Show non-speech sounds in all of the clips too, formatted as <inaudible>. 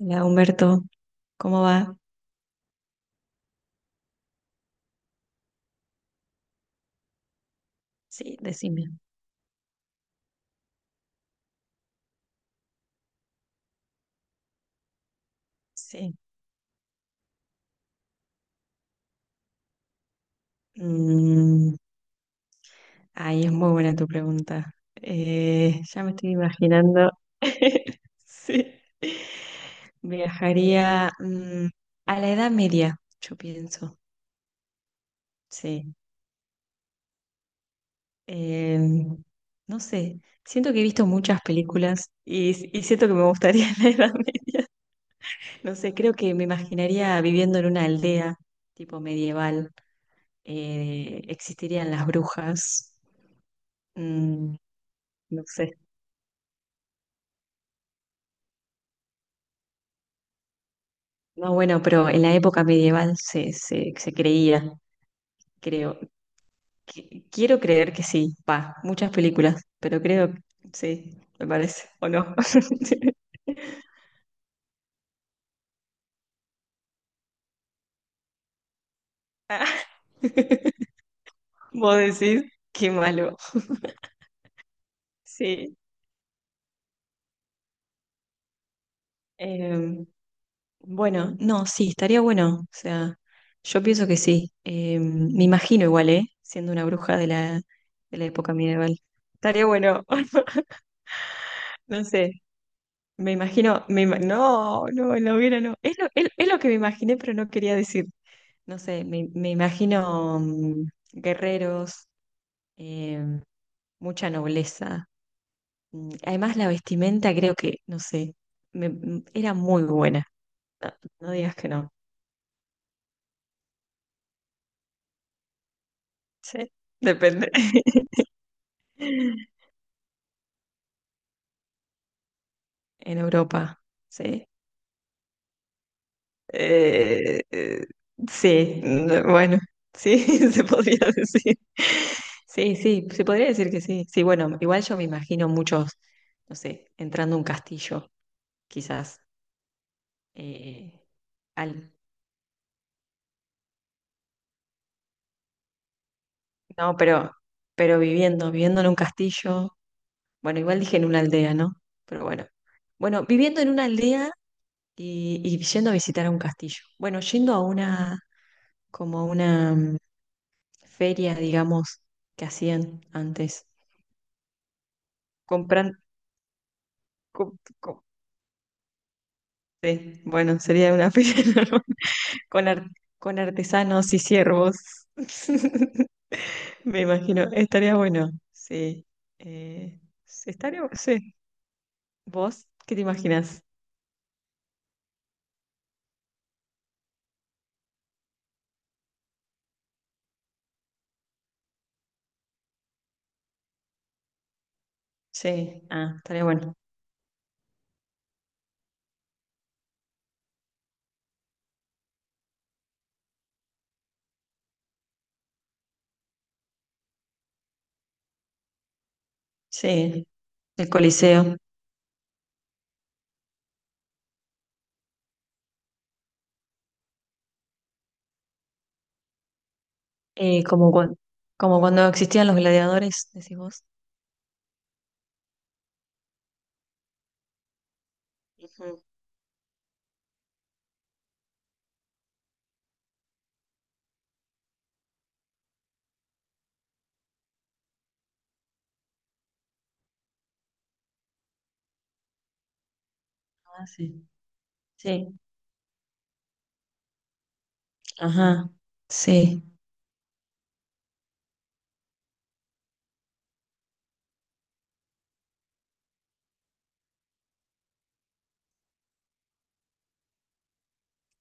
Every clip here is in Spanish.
Hola Humberto, ¿cómo va? Sí, decime. Sí. Mm, ay, es muy buena tu pregunta. Ya me estoy imaginando. <laughs> Sí. Viajaría a la Edad Media, yo pienso. Sí. Em, no sé. Siento que he visto muchas películas y siento que me gustaría <laughs> la Edad Media. No sé, creo que me imaginaría viviendo en una aldea tipo medieval. Existirían las brujas, Mm, no sé. No, bueno, pero en la época medieval se creía, creo. Quiero creer que sí, pa, muchas películas, pero creo que sí, me parece, ¿o no? <laughs> Ah, <laughs> vos decís, qué malo. Sí. Em, bueno, no, sí, estaría bueno. O sea, yo pienso que sí. Me imagino igual, ¿eh? Siendo una bruja de la época medieval. Estaría bueno. <laughs> No sé. Me imagino, no, no, en la hoguera no. Es lo que me imaginé, pero no quería decir. No sé, me imagino guerreros, eh, mucha nobleza. Además, la vestimenta creo que, no sé, era muy buena. No, no digas que no. Sí, depende. <laughs> En Europa, sí. Eh, eh, sí, bueno, sí, <laughs> se podría decir. Sí, sí, se podría decir que sí. Sí, bueno, igual yo me imagino muchos, no sé, entrando a un castillo, quizás. eh, al, no, pero viviendo, viviendo en un castillo. Bueno, igual dije en una aldea, ¿no? Pero bueno. Bueno, viviendo en una aldea y yendo a visitar a un castillo. Bueno, yendo a una, como a una feria, digamos, que hacían antes. Compran, co- co- sí, bueno, sería una <laughs> feria, ¿no? Con, con artesanos y siervos. <laughs> Me imagino, estaría bueno, sí. Eh, sí, estaría, sí. ¿Vos qué te imaginas? Sí, ah, estaría bueno. Sí, el Coliseo, eh, como, cuan- como cuando existían los gladiadores, decís vos. Ujú. Ah, sí. Sí, ajá, sí,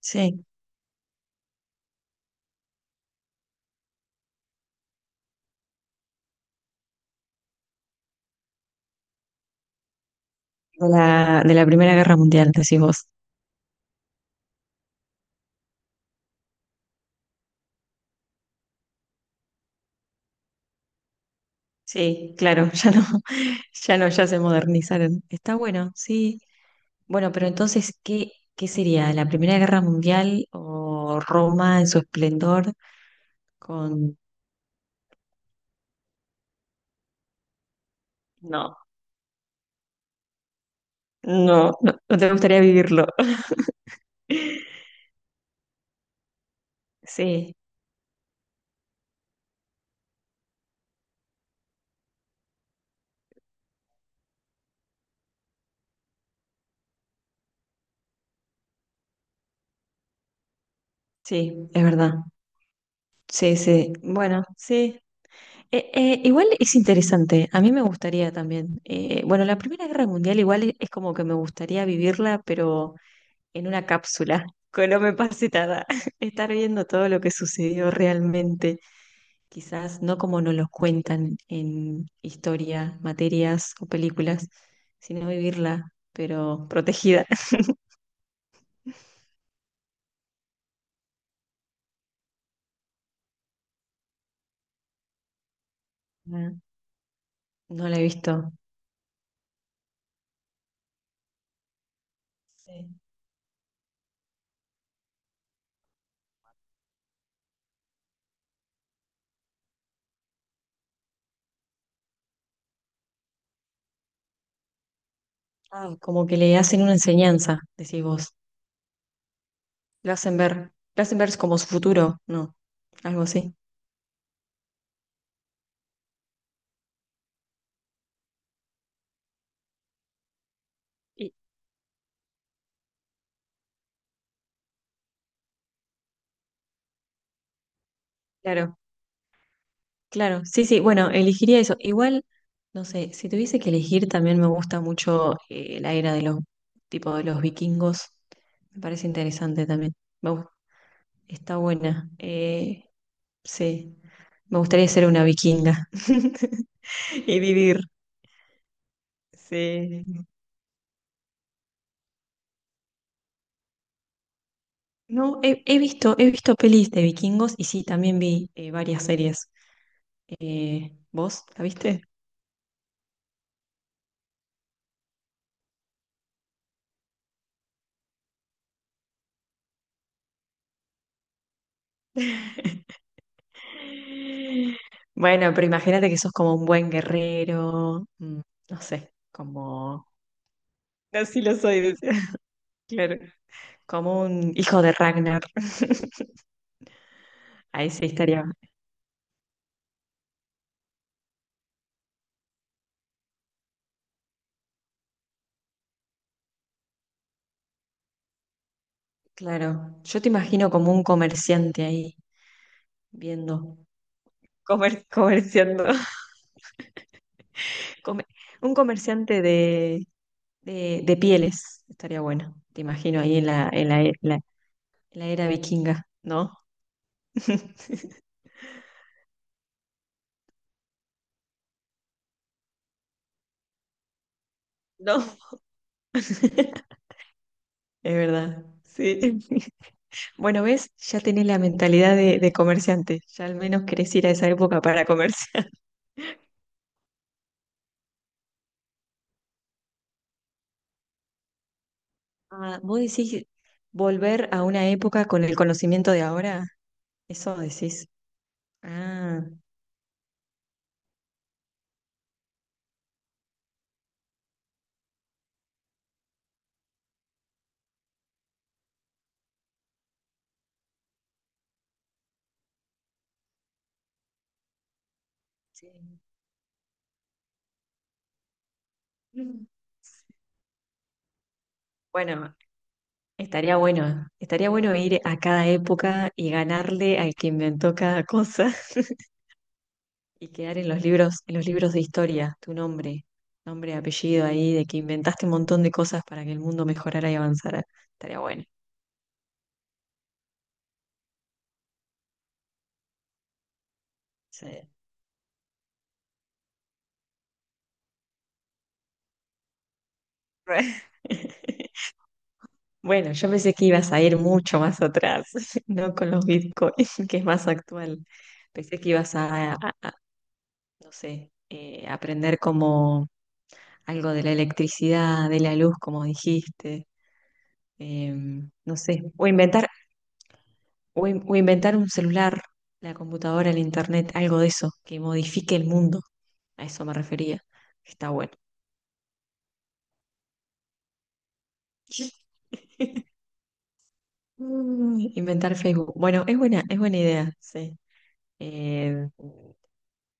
sí. De la Primera Guerra Mundial, decís vos. Sí, claro, <laughs> ya no, ya se modernizaron. Está bueno, sí. Bueno, pero entonces, ¿qué sería? ¿La Primera Guerra Mundial o Roma en su esplendor? Con... No, no, no, no te gustaría vivirlo. <laughs> Sí, sí, es verdad. Sí, sí. Bueno, sí. Igual es interesante, a mí me gustaría también. Bueno, la Primera Guerra Mundial igual es como que me gustaría vivirla, pero en una cápsula, que no me pase nada. <laughs> Estar viendo todo lo que sucedió realmente, quizás no como nos lo cuentan en historia, materias o películas, sino vivirla, pero protegida. <laughs> Ah, no la he visto. Sí. Ah, como que le hacen una enseñanza, decís vos. Lo hacen ver como su futuro, ¿no? Algo así. Y- Claro. Claro, sí, sí, bueno, elegiría eso. Igual, no sé, si tuviese que elegir, también me gusta mucho la era de los, tipo de los vikingos. Me parece interesante también. Me gus- está buena. Sí, me gustaría ser una vikinga <laughs> y vivir. Sí. No, he visto pelis de vikingos y sí, también vi varias series. ¿Vos la viste? <laughs> Bueno, pero imagínate que sos como un buen guerrero, no sé, como. Así lo soy, decía. <laughs> Claro, como un hijo de Ragnar. <laughs> Ahí sí estaría. Claro, yo te imagino como un comerciante ahí, viendo, comerciando. <laughs> Come- un comerciante de pieles, estaría bueno. Te imagino ahí en la era vikinga, ¿no? <laughs> No, <laughs> es verdad, sí. Bueno, ¿ves? Ya tenés la mentalidad de comerciante. Ya al menos querés ir a esa época para comerciar. <laughs> Ah, vos decís volver a una época con el conocimiento de ahora. Eso decís. Ah, sí. Mm. Bueno, estaría bueno. Estaría bueno ir a cada época y ganarle al que inventó cada cosa <laughs> y quedar en los libros de historia, tu nombre, apellido ahí, de que inventaste un montón de cosas para que el mundo mejorara y avanzara. Estaría bueno. Sí. <laughs> Bueno, yo pensé que ibas a ir mucho más atrás, <laughs> no con los bitcoins, <laughs> que es más actual. Pensé que ibas a, no sé, aprender como algo de la electricidad, de la luz, como dijiste, no sé, o inventar, o inventar un celular, la computadora, el internet, algo de eso, que modifique el mundo. A eso me refería. Está bueno. <laughs> Inventar Facebook. Bueno, es buena idea, sí. Eh,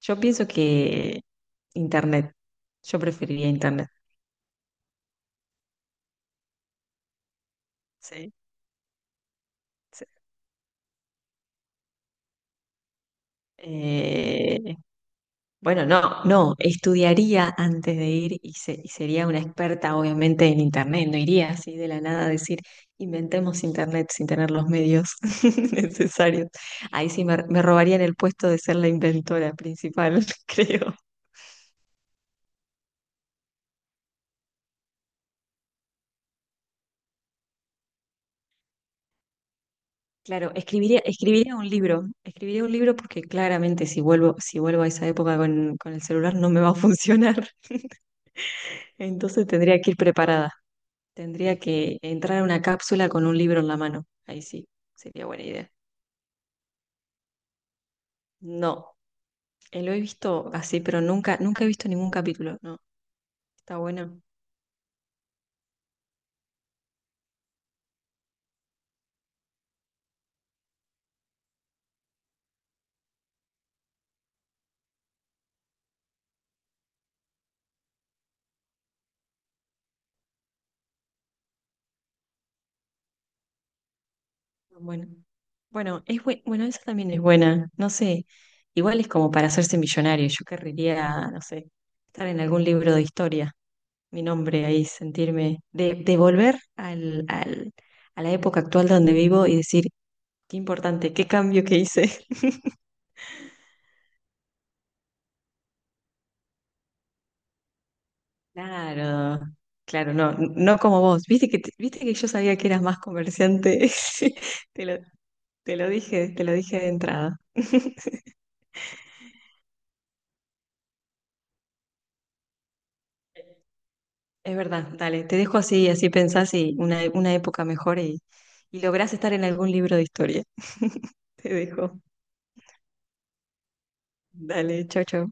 yo pienso que Internet, yo preferiría Internet. Sí, sí. Eh, bueno, no, no, estudiaría antes de ir y sería una experta, obviamente, en Internet. No iría así de la nada a decir, inventemos Internet sin tener los medios <laughs> necesarios. Ahí sí me robarían el puesto de ser la inventora principal, <laughs> creo. Claro, escribiría un libro porque claramente si vuelvo a esa época con el celular no me va a funcionar. <laughs> Entonces tendría que ir preparada, tendría que entrar a una cápsula con un libro en la mano. Ahí sí, sería buena idea. No, lo he visto así, pero nunca, nunca he visto ningún capítulo. No, está bueno, bueno. Bueno, es bueno, esa también es buena. No sé, igual es como para hacerse millonario. Yo querría, no sé, estar en algún libro de historia. Mi nombre ahí, sentirme, de volver al, a la época actual donde vivo y decir, qué importante, qué cambio que hice. <laughs> Claro, claro, no, no como vos. Viste que yo sabía que eras más comerciante. <laughs> Sí, Te lo, te lo dije de entrada. <laughs> Es verdad, dale, te dejo así, así pensás y una época mejor y lográs estar en algún libro de historia. <laughs> Te dejo. Dale, chau, chau.